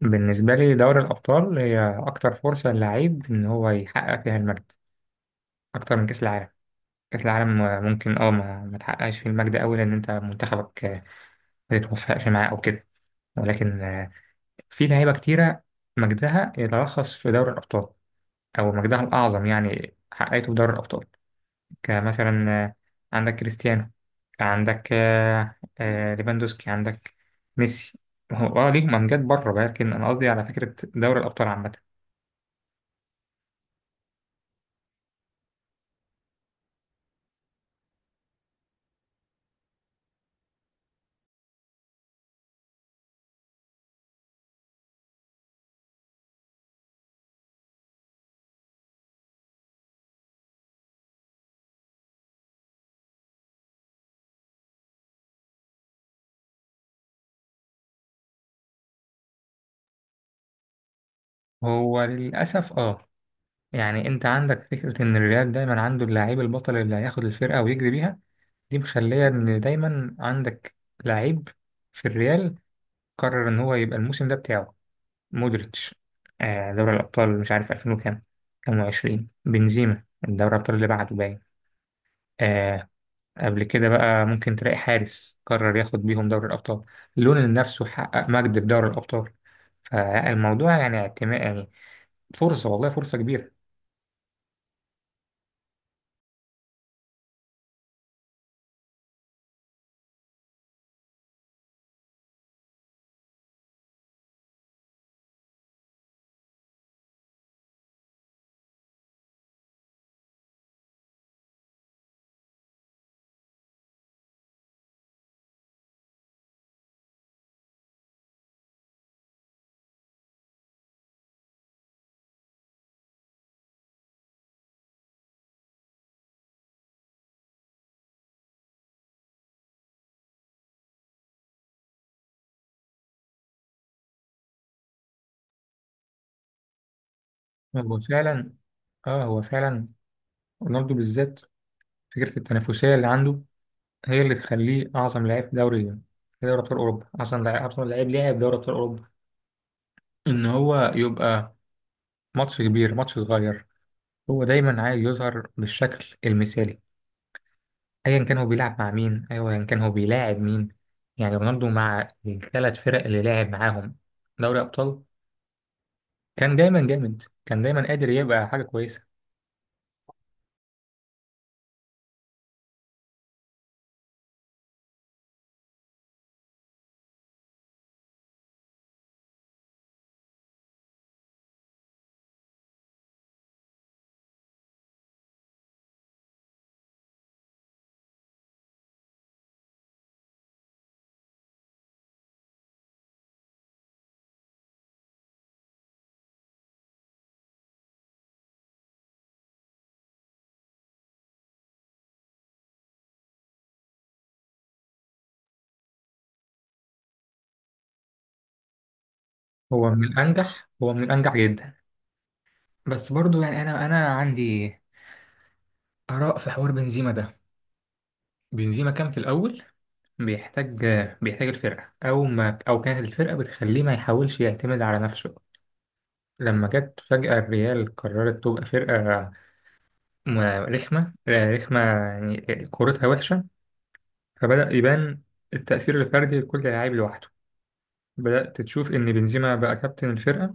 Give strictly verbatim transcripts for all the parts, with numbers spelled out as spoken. بالنسبة لي دوري الأبطال هي أكتر فرصة للعيب إن هو يحقق فيها المجد أكتر من كأس العالم. كأس العالم ممكن أه ما, ما تحققش فيه المجد أوي لأن أنت منتخبك آه، ما تتوفقش معاه أو كده. ولكن آه، في لعيبة كتيرة مجدها يتلخص في دوري الأبطال، أو مجدها الأعظم يعني حققته في دوري الأبطال. كمثلا آه، عندك كريستيانو، عندك آه، آه، ليفاندوسكي، عندك ميسي. هو اه ليهم امجاد بره، ولكن انا قصدي على فكره دوري الابطال عامه. هو للأسف اه يعني انت عندك فكرة ان الريال دايما عنده اللعيب البطل اللي هياخد الفرقة ويجري بيها. دي مخلية ان دايما عندك لعيب في الريال قرر ان هو يبقى الموسم ده بتاعه، مودريتش. آه دوري الأبطال مش عارف ألفين وكام، كام وعشرين، بنزيما دوري الأبطال اللي بعده باين. آه، قبل كده بقى ممكن تلاقي حارس قرر ياخد بيهم دوري الأبطال، لونين نفسه حقق مجد في دوري الأبطال. فالموضوع يعني اعتماد، يعني فرصة، والله فرصة كبيرة. هو فعلا، اه هو فعلا رونالدو بالذات فكرة التنافسية اللي عنده هي اللي تخليه أعظم لاعب في دوري في دوري أبطال أوروبا، أعظم لاعب، أعظم لاعب لعب في دوري أبطال أوروبا. إن هو يبقى، ماتش كبير ماتش صغير، هو دايما عايز يظهر بالشكل المثالي. أيا كان هو بيلعب مع مين، أيا كان هو بيلاعب مين. يعني رونالدو مع الثلاث فرق اللي لعب معاهم دوري أبطال، كان دايما جامد، كان دايما قادر يبقى حاجة كويسة. هو من الأنجح، هو من الأنجح جدا. بس برضو يعني انا انا عندي اراء في حوار بنزيما ده. بنزيما كان في الاول بيحتاج، بيحتاج الفرقه او ما او كانت الفرقه بتخليه ما يحاولش يعتمد على نفسه. لما جت فجاه الريال قررت تبقى فرقه م- رخمه، آه، رخمه يعني كورتها وحشه. فبدا يبان التاثير الفردي لكل لاعب لوحده. بدات تشوف ان بنزيما بقى كابتن الفرقه.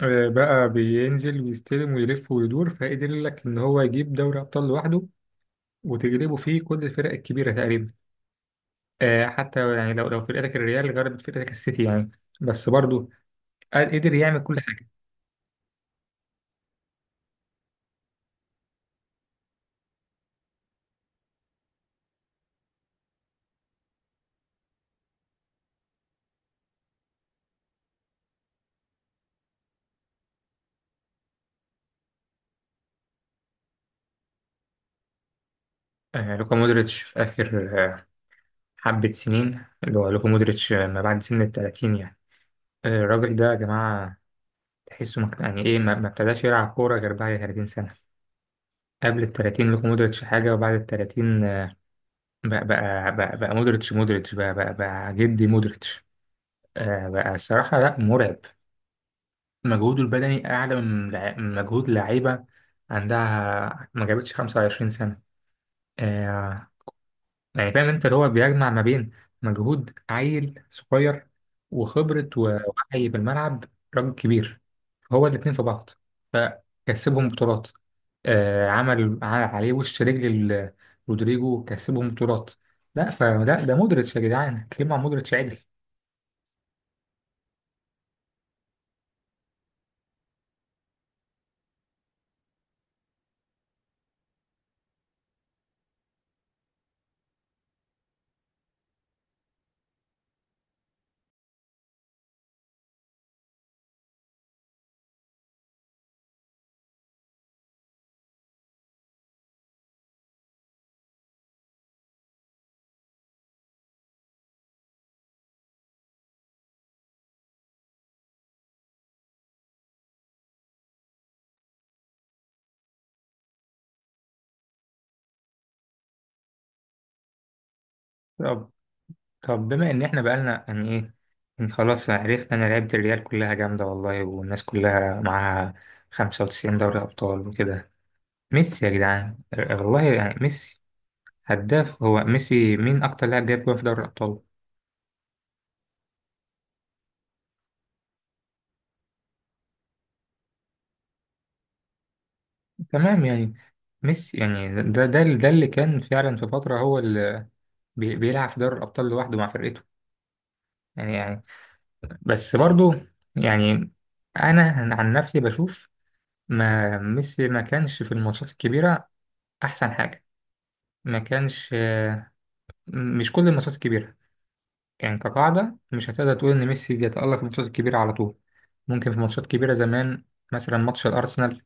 آه، بقى بينزل ويستلم ويلف ويدور، فقدر لك ان هو يجيب دوري ابطال لوحده، وتجربه فيه كل الفرق الكبيرة تقريبا. آه حتى يعني لو لو فرقتك الريال غلبت فرقتك السيتي، يعني بس برضه قدر يعمل كل حاجة. آه لوكا مودريتش في آخر آه حبة سنين، اللي هو لوكا مودريتش آه، ما بعد سن التلاتين يعني. آه الراجل ده يا جماعة تحسه مك... يعني إيه ما, ما ابتداش يلعب كورة غير بعد تلاتين سنة. قبل التلاتين لوكا مودريتش حاجة، وبعد التلاتين آه، بقى بقى بقى, بقى مودريتش مودريتش بقى بقى, بقى جدي مودريتش. آه بقى الصراحة لا مرعب. مجهوده البدني أعلى من لع- من مجهود لعيبة عندها ما جابتش خمسة وعشرين سنة. آه يعني فاهم أنت، اللي هو بيجمع ما بين مجهود عيل صغير، وخبرة ووعي في الملعب راجل كبير. هو الاتنين في بعض، فكسبهم بطولات. آه عمل عمل عليه وش رجل، ال- رودريجو، كسبهم بطولات. لا فلا ده مودريتش يا جدعان، كلمة عن مودريتش عدل. طب بما ان احنا بقالنا يعني ايه، إن خلاص عرفنا ان لعيبة الريال كلها جامدة، والله والناس كلها معاها خمسة وتسعين دوري ابطال وكده. ميسي يا جدعان، والله يعني ميسي هداف، هو ميسي مين اكتر لاعب جاب جول في دوري الابطال؟ تمام يعني ميسي، يعني ده ده ده اللي كان فعلا في فترة هو اللي بي- بيلعب في دوري الابطال لوحده مع فرقته يعني. يعني بس برضو، يعني انا عن نفسي بشوف ما ميسي ما كانش في الماتشات الكبيرة احسن حاجة. ما كانش، آه، مش كل الماتشات الكبيرة. يعني كقاعدة مش هتقدر تقول إن ميسي بيتألق في الماتشات الكبيرة على طول. ممكن في ماتشات كبيرة زمان، مثلا ماتش الأرسنال.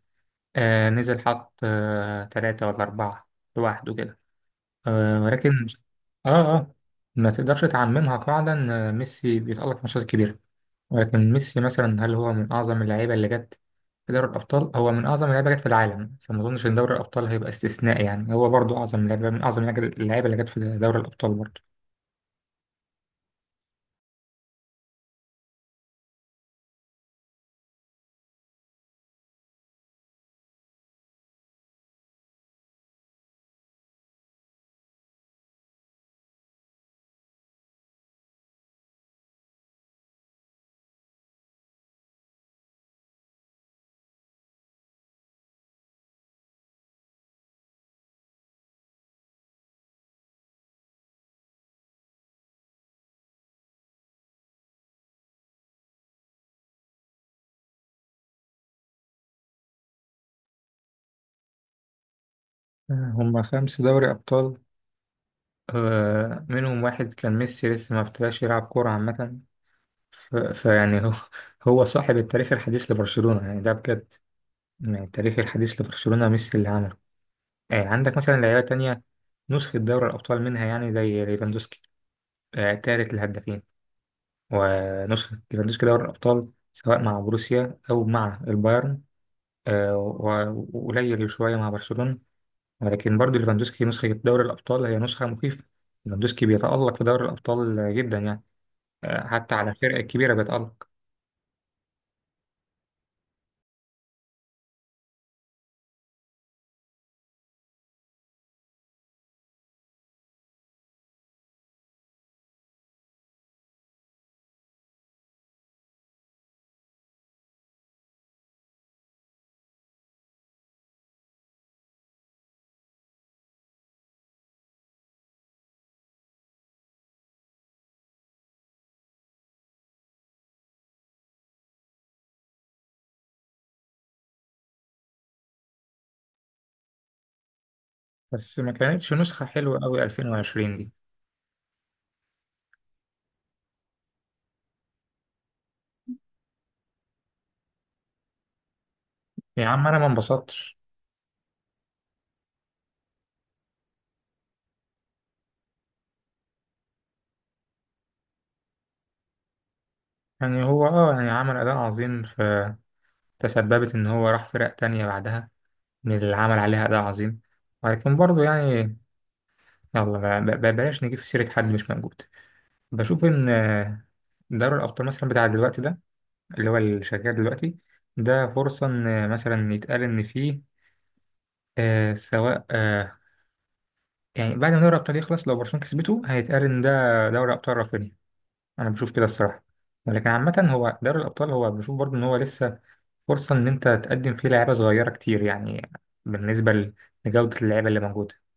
آه نزل حط آه تلاتة ولا أربعة لوحده كده. آه ولكن. آه آه. ما تقدرش تعممها قاعدة إن ميسي بيتألق في الماتشات الكبيرة. ولكن ميسي مثلا، هل هو من أعظم اللعيبة اللي جت في دوري الأبطال؟ هو من أعظم اللعيبة جت في العالم، فما أظنش إن دوري الأبطال هيبقى استثناء، يعني هو برضو أعظم لعيبة، من أعظم اللعيبة اللي جت في دوري الأبطال برضو. آه، هما خمس دوري أبطال، آه، منهم واحد كان ميسي لسه ما ابتداش يلعب كورة عامة. ف- فيعني هو، هو صاحب التاريخ الحديث لبرشلونة يعني، ده بجد. يعني التاريخ الحديث لبرشلونة ميسي اللي عمله. آه، عندك مثلا لعيبة تانية نسخة دوري الأبطال منها، يعني زي ليفاندوسكي، آه، تالت الهدافين. ونسخة ليفاندوسكي دوري الأبطال سواء مع بروسيا أو مع البايرن، آه، و- وقليل شوية مع برشلونة. ولكن برضو ليفاندوسكي نسخة دوري الأبطال هي نسخة مخيفة. ليفاندوسكي بيتألق في دوري الأبطال جدا يعني، آه، حتى على الفرق الكبيرة بيتألق. بس ما كانتش نسخة حلوة أوي ألفين وعشرين دي. يا عم أنا ما انبسطتش. يعني هو اه يعني عمل أداء عظيم، فتسببت إن هو راح فرق تانية بعدها من اللي عمل عليها أداء عظيم. ولكن برضه يعني، يلا بقى- بقى- بلاش نجيب في سيرة حد مش موجود. بشوف إن آه، دوري الأبطال مثلا بتاع دلوقتي ده، اللي هو اللي شغال دلوقتي، ده فرصة إن آه، مثلا يتقال إن فيه آه سواء آه يعني بعد ما دوري الأبطال يخلص لو برشلونة كسبته هيتقال إن ده دوري أبطال رافينيا. أنا بشوف كده الصراحة. ولكن عامة هو دوري الأبطال، هو بشوف برضه إن هو لسه فرصة إن أنت تقدم فيه لعيبة صغيرة كتير يعني. بالنسبة ل- لجودة اللعيبة اللي موجودة